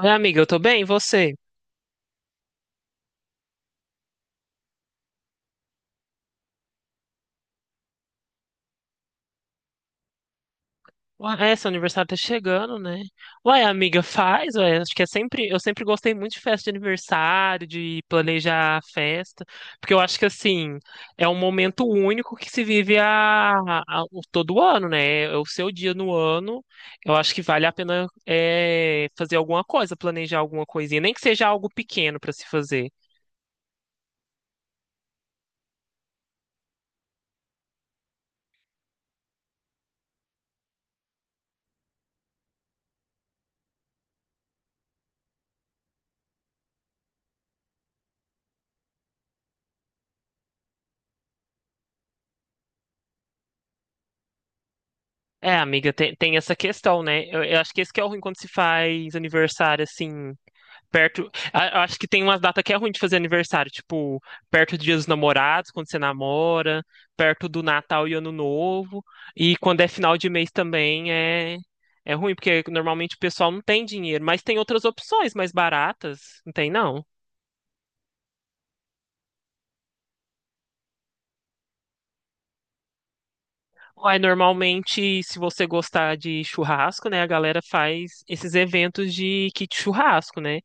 Ué, amiga, eu tô bem, e você? Ué, seu aniversário tá chegando, né? Ué, amiga, faz, acho que eu sempre gostei muito de festa de aniversário, de planejar a festa, porque eu acho que, assim, é um momento único que se vive todo ano, né? É o seu dia no ano, eu acho que vale a pena fazer alguma coisa, planejar alguma coisinha, nem que seja algo pequeno pra se fazer. É, amiga, tem essa questão, né? Eu acho que esse que é o ruim quando se faz aniversário, assim. Acho que tem umas datas que é ruim de fazer aniversário, tipo, perto do Dia dos Namorados, quando você namora, perto do Natal e Ano Novo. E quando é final de mês também é ruim, porque normalmente o pessoal não tem dinheiro, mas tem outras opções mais baratas, não tem não. Uai, normalmente, se você gostar de churrasco, né, a galera faz esses eventos de kit churrasco, né?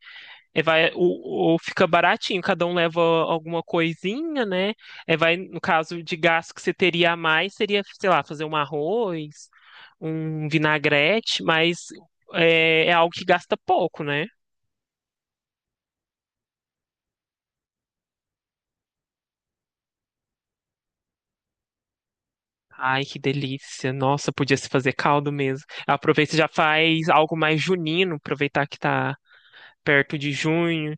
É, vai, fica baratinho, cada um leva alguma coisinha, né? É, vai, no caso de gasto que você teria a mais, seria, sei lá, fazer um arroz, um vinagrete, mas é algo que gasta pouco, né? Ai, que delícia. Nossa, podia se fazer caldo mesmo. Aproveita e já faz algo mais junino, aproveitar que tá perto de junho.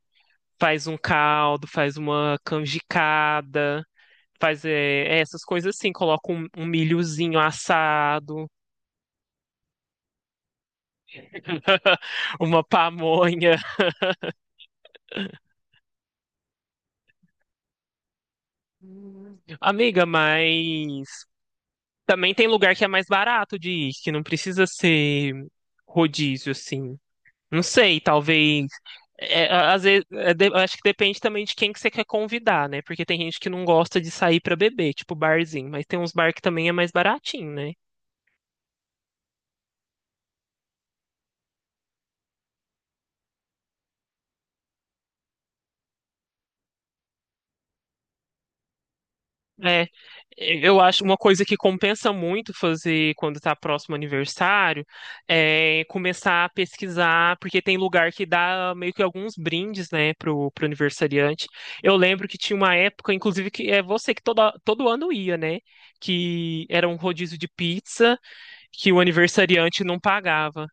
Faz um caldo, faz uma canjicada, faz é essas coisas assim, coloca um milhozinho assado. Uma pamonha. Amiga, mas também tem lugar que é mais barato de ir, que não precisa ser rodízio, assim. Não sei, talvez. Às vezes, acho que depende também de quem que você quer convidar, né? Porque tem gente que não gosta de sair pra beber, tipo barzinho, mas tem uns bar que também é mais baratinho, né? É, eu acho uma coisa que compensa muito fazer quando está próximo ao aniversário é começar a pesquisar, porque tem lugar que dá meio que alguns brindes, né, pro aniversariante. Eu lembro que tinha uma época, inclusive, que é você que todo ano ia, né, que era um rodízio de pizza que o aniversariante não pagava.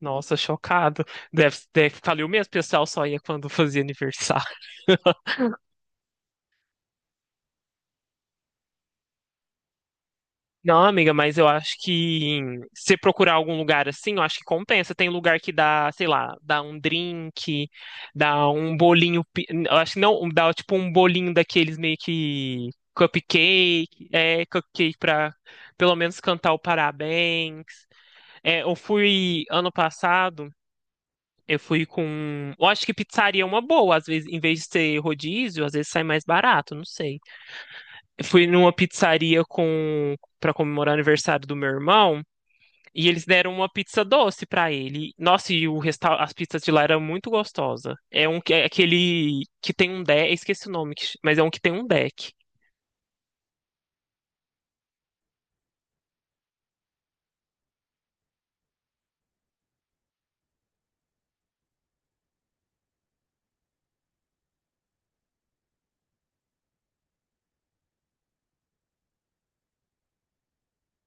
Nossa, chocado. Deve, falei o mesmo, o pessoal só ia quando fazia aniversário. Não, amiga, mas eu acho que se procurar algum lugar assim, eu acho que compensa. Tem lugar que dá, sei lá, dá um drink, dá um bolinho. Eu acho que não, dá tipo um bolinho daqueles meio que cupcake pra pelo menos cantar o parabéns. É, eu fui ano passado, eu fui com. Eu acho que pizzaria é uma boa, às vezes, em vez de ser rodízio, às vezes sai mais barato, não sei. Eu fui numa pizzaria com, para comemorar o aniversário do meu irmão. E eles deram uma pizza doce pra ele. Nossa, as pizzas de lá eram muito gostosas. É um que é aquele que tem um deck, esqueci o nome, mas é um que tem um deck.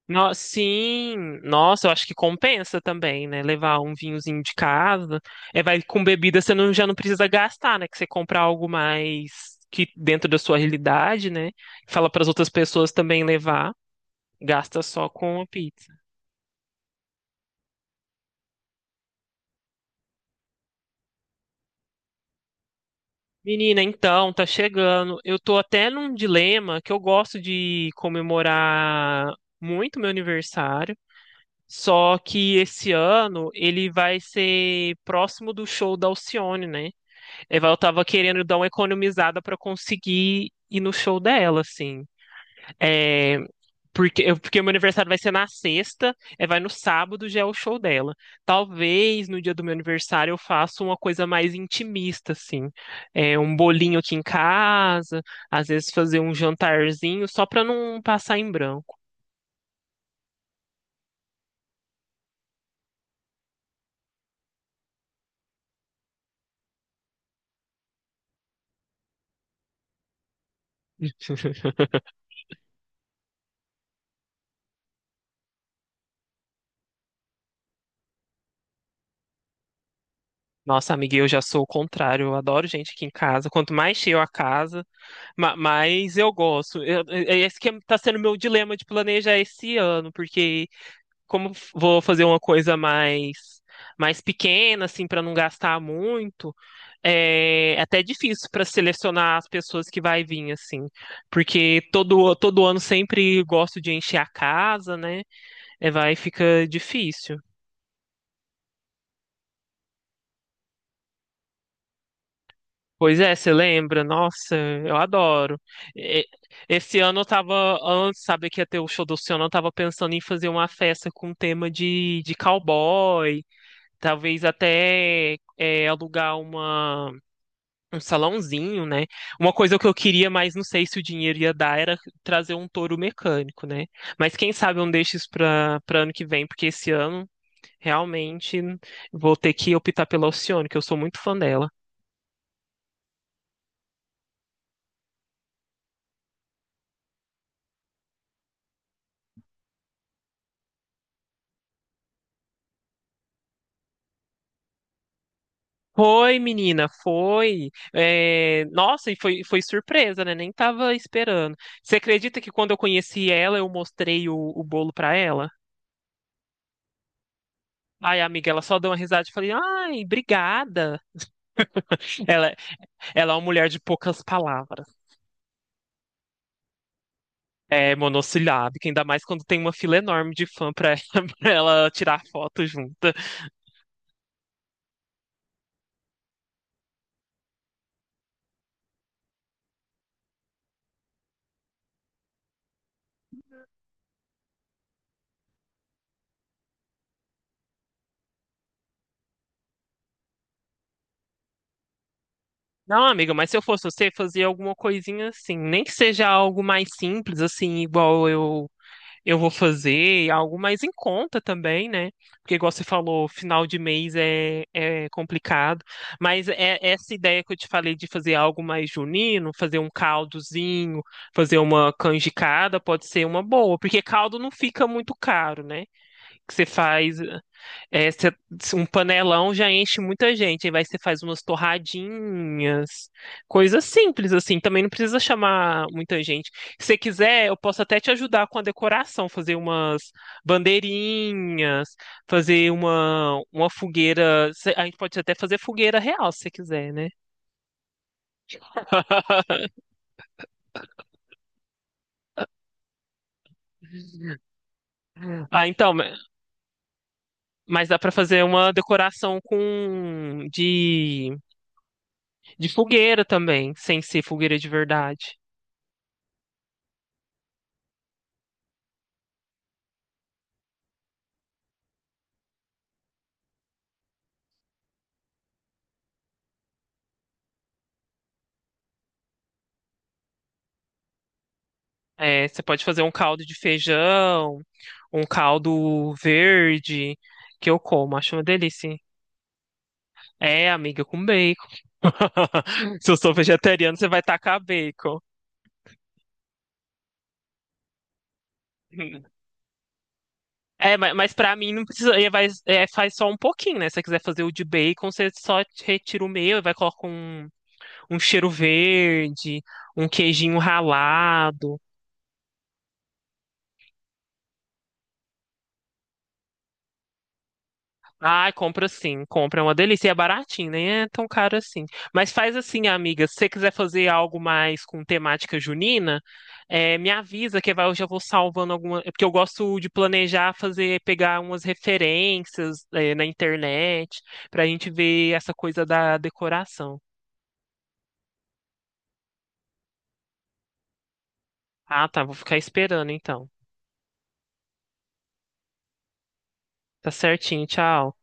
Sim, nossa, eu acho que compensa também, né? Levar um vinhozinho de casa. É, vai com bebida, você não, já não precisa gastar, né? Que você compra algo mais que dentro da sua realidade, né? Fala para as outras pessoas também levar, gasta só com a pizza. Menina, então, tá chegando. Eu tô até num dilema que eu gosto de comemorar muito meu aniversário, só que esse ano ele vai ser próximo do show da Alcione, né? Eu tava querendo dar uma economizada pra conseguir ir no show dela, assim. É, porque porque meu aniversário vai ser na sexta, vai no sábado já é o show dela. Talvez no dia do meu aniversário eu faça uma coisa mais intimista, assim. É, um bolinho aqui em casa, às vezes fazer um jantarzinho, só pra não passar em branco. Nossa, amiga, eu já sou o contrário. Eu adoro gente aqui em casa. Quanto mais cheio a casa, mais eu gosto. Esse que é, tá sendo meu dilema de planejar esse ano, porque como vou fazer uma coisa mais pequena, assim, para não gastar muito, é até difícil para selecionar as pessoas que vai vir, assim, porque todo ano sempre gosto de encher a casa, né? É, vai fica difícil. Pois é, você lembra? Nossa, eu adoro. É. Esse ano eu tava, antes, sabe que ia ter o show do Oceano, eu tava pensando em fazer uma festa com tema de cowboy, talvez até alugar uma um salãozinho, né? Uma coisa que eu queria, mas não sei se o dinheiro ia dar, era trazer um touro mecânico, né? Mas quem sabe eu não deixo isso para ano que vem, porque esse ano realmente vou ter que optar pela Alcione, que eu sou muito fã dela. Foi, menina, foi. É. Nossa, e foi surpresa, né? Nem tava esperando. Você acredita que quando eu conheci ela, eu mostrei o bolo para ela? Ai, amiga, ela só deu uma risada e falei, ai, obrigada. Ela, ela é uma mulher de poucas palavras. É monossilábica, ainda mais quando tem uma fila enorme de fã pra ela, pra ela tirar foto junta. Não, amiga, mas se eu fosse você, fazia alguma coisinha assim, nem que seja algo mais simples, assim, igual eu vou fazer, algo mais em conta também, né? Porque, igual você falou, final de mês é complicado. Mas é essa ideia que eu te falei de fazer algo mais junino, fazer um caldozinho, fazer uma canjicada, pode ser uma boa, porque caldo não fica muito caro, né? Que você faz. É, cê- um panelão já enche muita gente. Aí vai, você faz umas torradinhas, coisas simples assim. Também não precisa chamar muita gente. Se você quiser, eu posso até te ajudar com a decoração, fazer umas bandeirinhas, fazer uma fogueira. A gente pode até fazer fogueira real, se você quiser, né? Ah, então, mas dá pra fazer uma decoração de fogueira também, sem ser fogueira de verdade. É, você pode fazer um caldo de feijão, um caldo verde, que eu como, acho uma delícia. É, amiga, com bacon. Se eu sou vegetariano, você vai tacar bacon. É, mas pra mim não precisa. Faz só um pouquinho, né? Se você quiser fazer o de bacon, você só retira o meu e vai colocar um cheiro verde, um queijinho ralado. Ai, compra sim, compra, é uma delícia. E é baratinho, nem é tão caro assim. Mas faz assim, amiga, se você quiser fazer algo mais com temática junina, me avisa que eu já vou salvando alguma. Porque eu gosto de planejar, fazer, pegar umas referências, na internet, pra gente ver essa coisa da decoração. Ah, tá, vou ficar esperando então. Tá certinho, tchau.